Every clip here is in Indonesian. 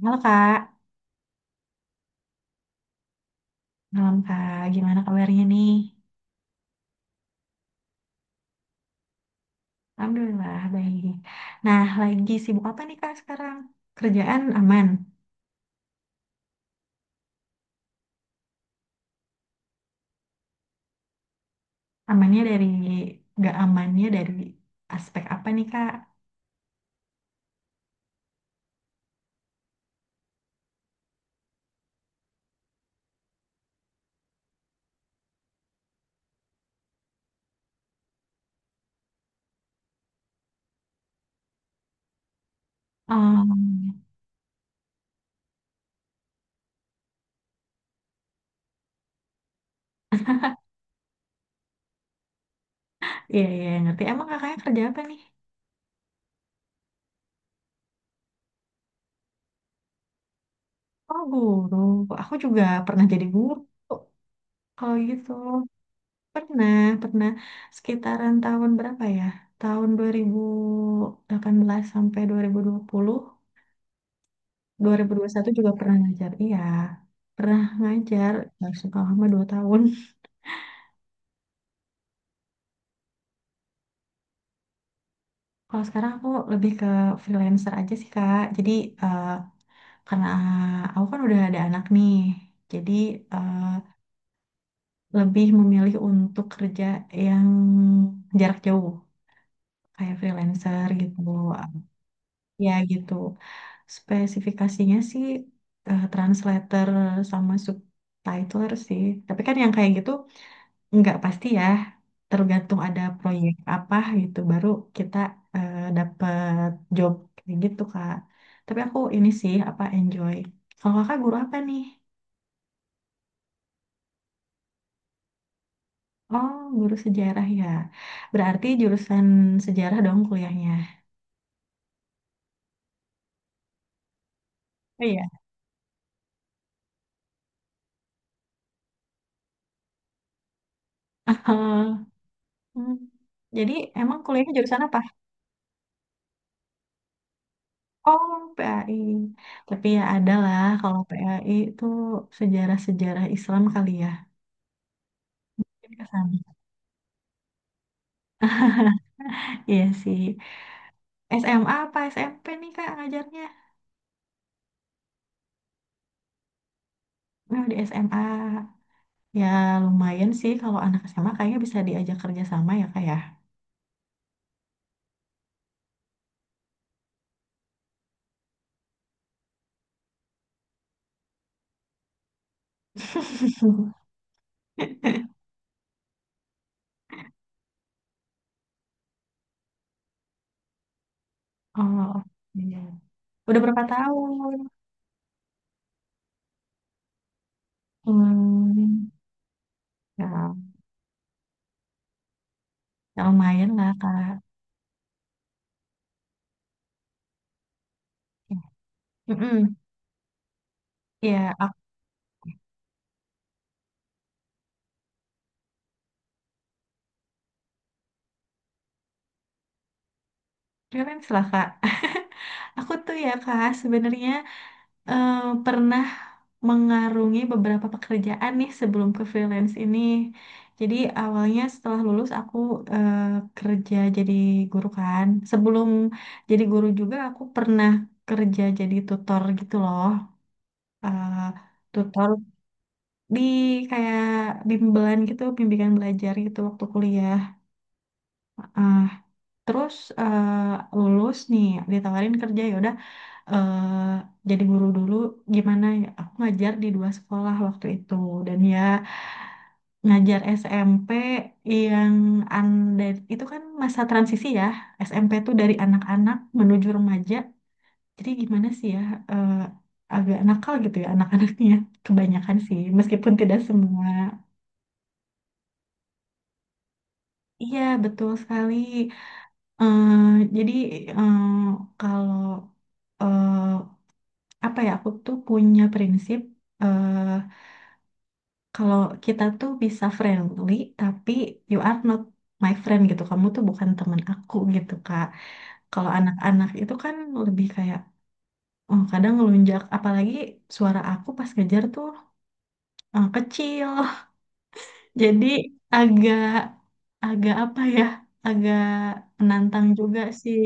Halo Kak, malam Kak. Gimana kabarnya nih? Alhamdulillah baik. Nah, lagi sibuk apa nih Kak sekarang? Kerjaan aman. Amannya dari nggak amannya dari aspek apa nih Kak? Um, iya, iya, ngerti. Emang kakaknya kerja apa nih? Oh, guru. Aku juga pernah jadi guru. Kalau gitu pernah pernah sekitaran tahun berapa ya? Tahun 2018 sampai 2020 2021 juga pernah ngajar, iya. Pernah ngajar, langsung kalau lama 2 tahun. Kalau sekarang aku lebih ke freelancer aja sih, Kak. Jadi, eh, karena aku kan udah ada anak nih. Jadi, eh, lebih memilih untuk kerja yang jarak jauh. Kayak freelancer gitu. Ya gitu. Spesifikasinya sih translator sama subtitler sih. Tapi kan yang kayak gitu nggak pasti ya, tergantung ada proyek apa gitu, baru kita dapet job kayak gitu Kak. Tapi aku ini sih apa enjoy. Kalau Kakak guru apa nih? Oh, guru sejarah ya. Berarti jurusan sejarah dong kuliahnya. Oh, iya. Hmm. Jadi emang kuliahnya jurusan apa? Oh, PAI. Tapi ya ada lah kalau PAI itu sejarah-sejarah Islam kali ya. Mungkin ke sana. Iya sih. SMA apa SMP nih Kak ngajarnya? Nah, di SMA. Ya lumayan sih kalau anak SMA kayaknya bisa diajak kerja sama ya Kak ya. Oh, iya. Udah berapa tahun? Hmm, ya, ya lumayan lah Kak. Ya. Mm-mm. Ya, aku freelance lah Kak. Aku tuh ya Kak sebenarnya eh, pernah mengarungi beberapa pekerjaan nih sebelum ke freelance ini. Jadi awalnya setelah lulus aku eh, kerja jadi guru kan. Sebelum jadi guru juga aku pernah kerja jadi tutor gitu loh. Eh, Tutor di kayak bimbingan gitu, bimbingan belajar gitu waktu kuliah. Ah, terus lulus nih ditawarin kerja ya eh jadi guru dulu. Gimana ya, aku ngajar di dua sekolah waktu itu dan ya ngajar SMP yang an, dan itu kan masa transisi ya. SMP tuh dari anak-anak menuju remaja, jadi gimana sih ya, eh, agak nakal gitu ya anak-anaknya kebanyakan sih meskipun tidak semua, iya betul sekali. Eh, jadi, eh, kalau eh, apa ya, aku tuh punya prinsip, eh, kalau kita tuh bisa friendly, tapi you are not my friend gitu. Kamu tuh bukan teman aku gitu, Kak. Kalau anak-anak itu kan lebih kayak oh, kadang ngelunjak, apalagi suara aku pas ngejar tuh kecil. Jadi agak, agak apa ya? Agak menantang juga sih.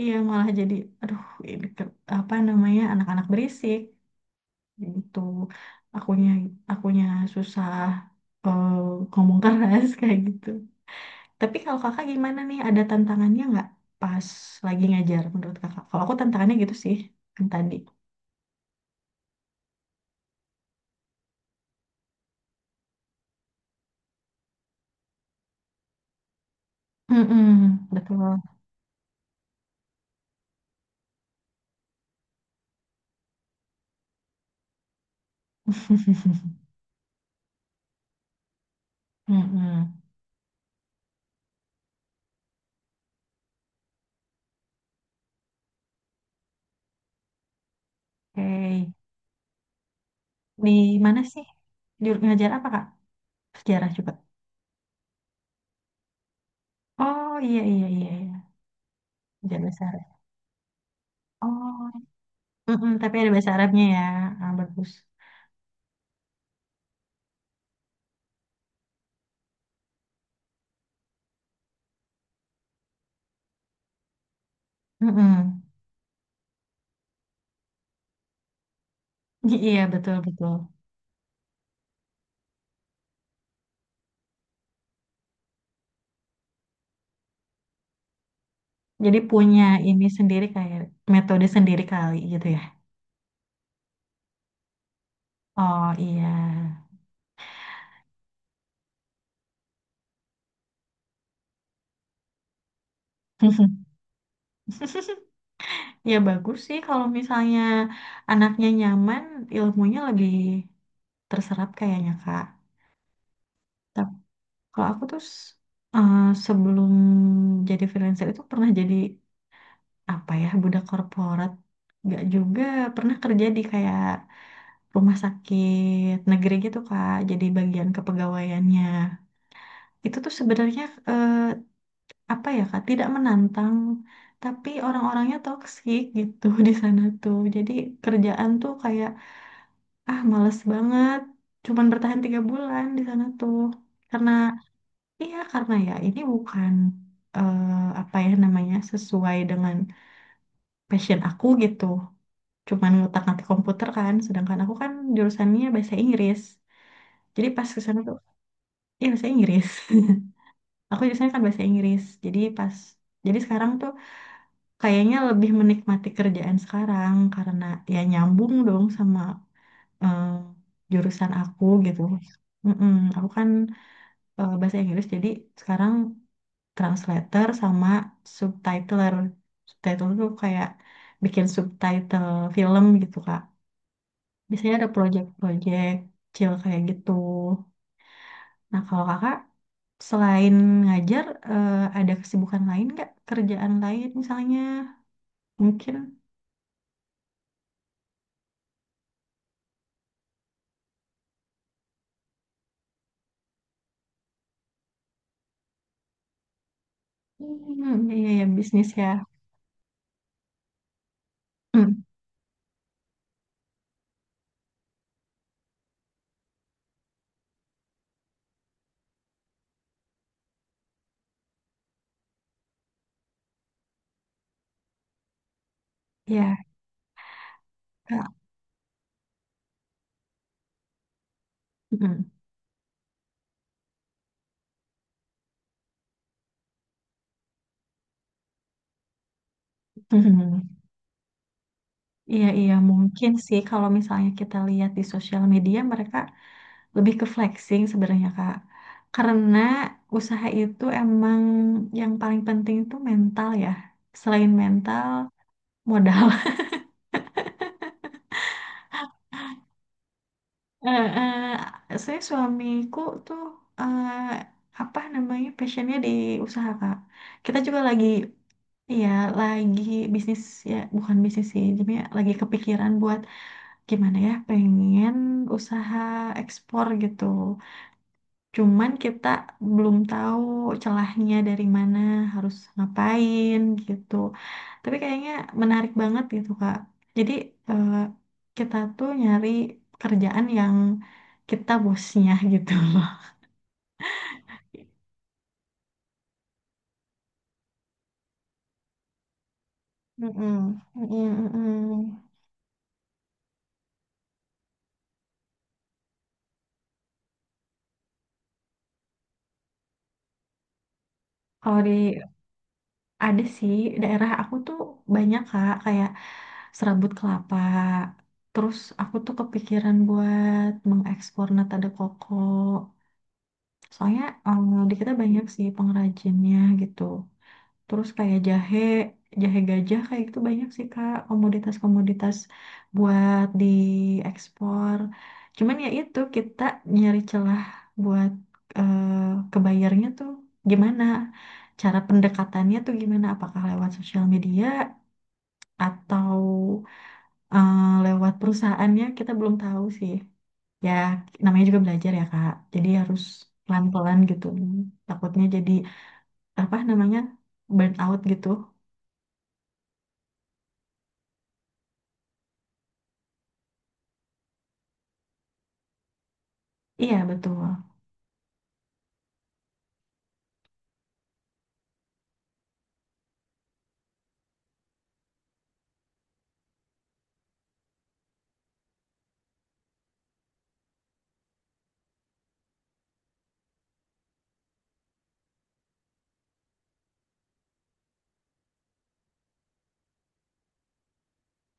Iya malah jadi aduh, ini apa namanya, anak-anak berisik. Ya itu akunya akunya susah eh, ngomong keras kayak gitu. Tapi kalau kakak gimana nih? Ada tantangannya nggak pas lagi ngajar menurut kakak? Kalau aku tantangannya gitu sih yang tadi. Mm-mm, betul. Mm-mm. Oke. Di mana sih? Di ngajar apa kak? Sejarah juga. Oh, iya, iya, iya, iya. Ngajar bahasa Arab. Oh. Mm-mm, tapi ada bahasa Arabnya ya. Ah, bagus. Mm-mm. Iya, betul, betul. Jadi punya ini sendiri, kayak metode sendiri kali gitu ya. Oh, iya. Ya bagus sih kalau misalnya anaknya nyaman, ilmunya lebih terserap kayaknya Kak. Tapi kalau aku tuh eh, sebelum jadi freelancer itu pernah jadi apa ya, budak korporat, nggak juga, pernah kerja di kayak rumah sakit negeri gitu Kak. Jadi bagian kepegawaiannya itu tuh sebenarnya eh, apa ya Kak, tidak menantang, tapi orang-orangnya toksik gitu di sana tuh. Jadi kerjaan tuh kayak ah males banget, cuman bertahan 3 bulan di sana tuh. Karena iya, karena ya ini bukan eh, apa ya namanya, sesuai dengan passion aku gitu. Cuman ngutak-ngatik komputer kan, sedangkan aku kan jurusannya bahasa Inggris. Jadi pas ke sana tuh, iya bahasa Inggris. Aku jurusannya kan bahasa Inggris. Jadi pas, jadi sekarang tuh kayaknya lebih menikmati kerjaan sekarang karena ya nyambung dong sama eh, jurusan aku gitu. Mm-mm, aku kan bahasa Inggris jadi sekarang translator sama subtitler. Subtitler tuh kayak bikin subtitle film gitu Kak. Biasanya ada project-project kecil kayak gitu. Nah kalau kakak selain ngajar ada kesibukan lain nggak? Kerjaan lain misalnya mungkin? Hmm, iya, iya, bisnis ya. Hmm, iya, Kak. Hmm, hmm. Iya, iya, mungkin sih kalau misalnya kita lihat di sosial media mereka lebih ke flexing sebenarnya, Kak. Karena usaha itu emang yang paling penting itu mental ya. Selain mental, modal. Eh, eh, saya, suamiku tuh eh, apa namanya passionnya di usaha Kak. Kita juga lagi iya, lagi bisnis ya, bukan bisnis sih. Jadi ya lagi kepikiran buat gimana ya, pengen usaha ekspor gitu. Cuman kita belum tahu celahnya dari mana, harus ngapain gitu. Tapi kayaknya menarik banget gitu, Kak. Jadi eh, kita tuh nyari pekerjaan yang kita bosnya gitu loh. Mm-mm, mm-mm, mm-mm. Kalau di ada sih daerah aku tuh banyak Kak kayak serabut kelapa. Terus aku tuh kepikiran buat mengekspor nata de coco. Soalnya di kita banyak sih pengrajinnya gitu. Terus kayak jahe, jahe gajah kayak gitu banyak sih Kak komoditas-komoditas buat diekspor. Cuman ya itu kita nyari celah buat eh, ke bayarnya tuh gimana? Cara pendekatannya tuh gimana? Apakah lewat sosial media atau lewat perusahaannya, kita belum tahu sih. Ya, namanya juga belajar ya, Kak. Jadi harus pelan-pelan gitu. Takutnya jadi apa namanya? Burn out gitu. Iya, betul.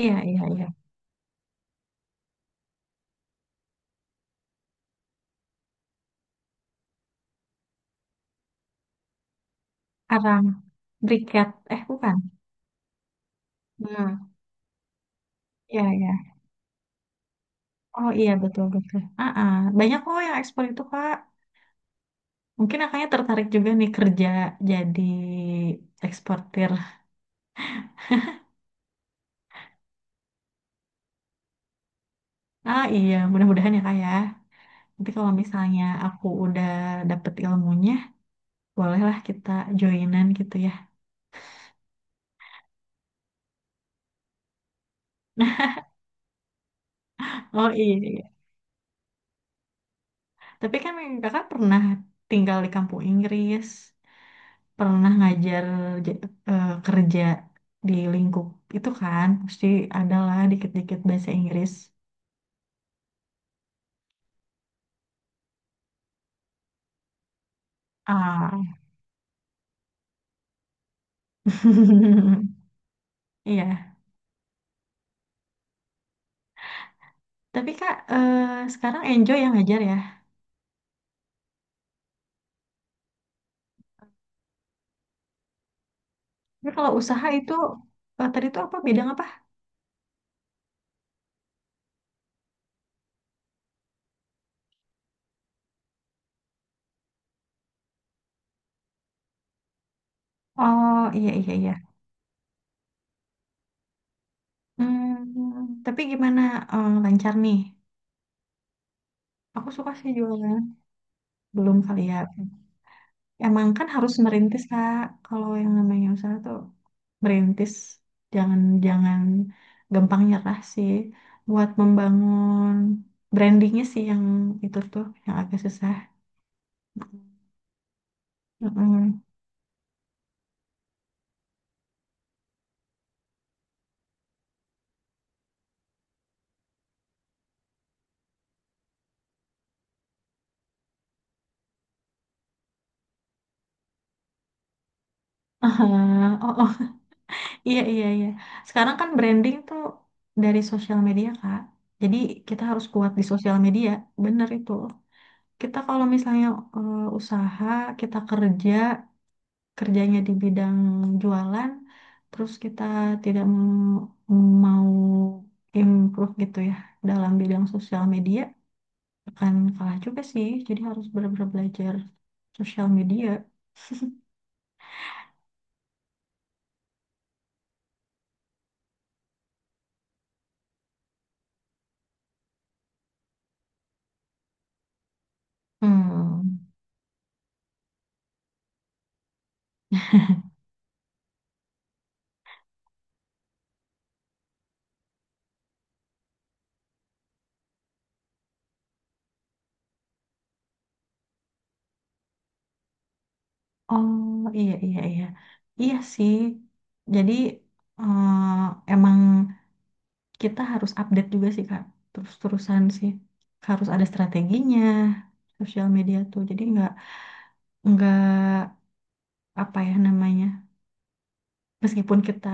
Iya, iya, iya. Arang briket. Eh, bukan. Hmm, iya, iya. Oh, iya, betul, betul. Ah, ah. Banyak kok yang ekspor itu, Kak. Mungkin akhirnya tertarik juga nih kerja jadi eksportir. Ah, iya, mudah-mudahan ya, Kak ya. Nanti kalau misalnya aku udah dapet ilmunya, bolehlah kita joinan gitu ya. Nah, oh, iya, iya, iya. Tapi kan kakak pernah tinggal di kampung Inggris, pernah ngajar j- kerja di lingkup itu kan, pasti adalah dikit-dikit bahasa Inggris. Ah, iya. Tapi kak, sekarang enjoy yang ngajar ya. Tapi kalau usaha itu, tadi itu apa, bidang apa? Oh, iya, iya, iya. Hmm, tapi gimana lancar nih? Aku suka sih jualan. Belum kali ya. Emang kan harus merintis Kak. Kalau yang namanya usaha tuh merintis, jangan jangan gampang nyerah sih. Buat membangun brandingnya sih yang itu tuh yang agak susah. Mm-mm. Ah, oh, oh, iya, iya, iya. Sekarang kan branding tuh dari sosial media Kak. Jadi kita harus kuat di sosial media. Bener itu. Kita kalau misalnya usaha, kita kerja, kerjanya di bidang jualan, terus kita tidak mau improve gitu ya dalam bidang sosial media, akan kalah juga sih. Jadi harus benar-benar belajar sosial media. Hmm. Oh, iya, iya, iya. Iya sih. Jadi emang kita harus update juga sih Kak. Terus-terusan sih. Harus ada strateginya sosial media tuh. Jadi nggak apa ya namanya? Meskipun kita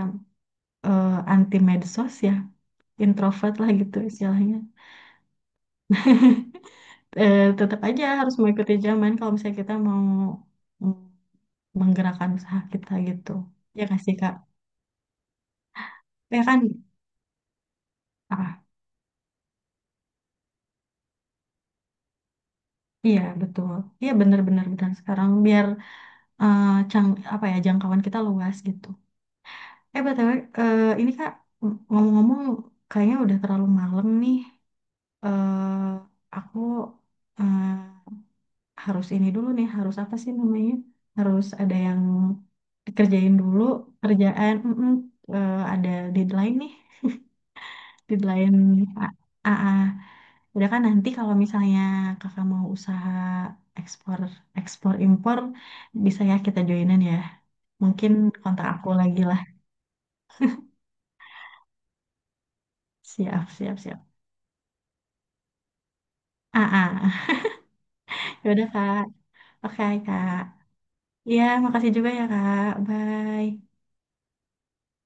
anti medsos ya, introvert lah gitu istilahnya, tetap aja harus mengikuti zaman kalau misalnya kita mau mm, menggerakkan usaha kita gitu, ya nggak sih kak? Ya kan? Ah, iya betul, iya, benar-benar benar, sekarang biar eh, cang apa ya, jangkauan kita luas gitu. Btw, ini kak, ngomong-ngomong kayaknya udah terlalu malam nih. eh aku eh, harus ini dulu nih, harus apa sih namanya? Harus ada yang dikerjain dulu, kerjaan, mm-mm, ada deadline nih, deadline. A- AA. Udah kan nanti kalau misalnya kakak mau usaha ekspor, ekspor impor, bisa ya kita joinan ya. Mungkin kontak aku lagi lah. Siap, siap, siap. AA. Yaudah, Kak. Oke, Kak. Iya, makasih juga ya, Kak. Bye.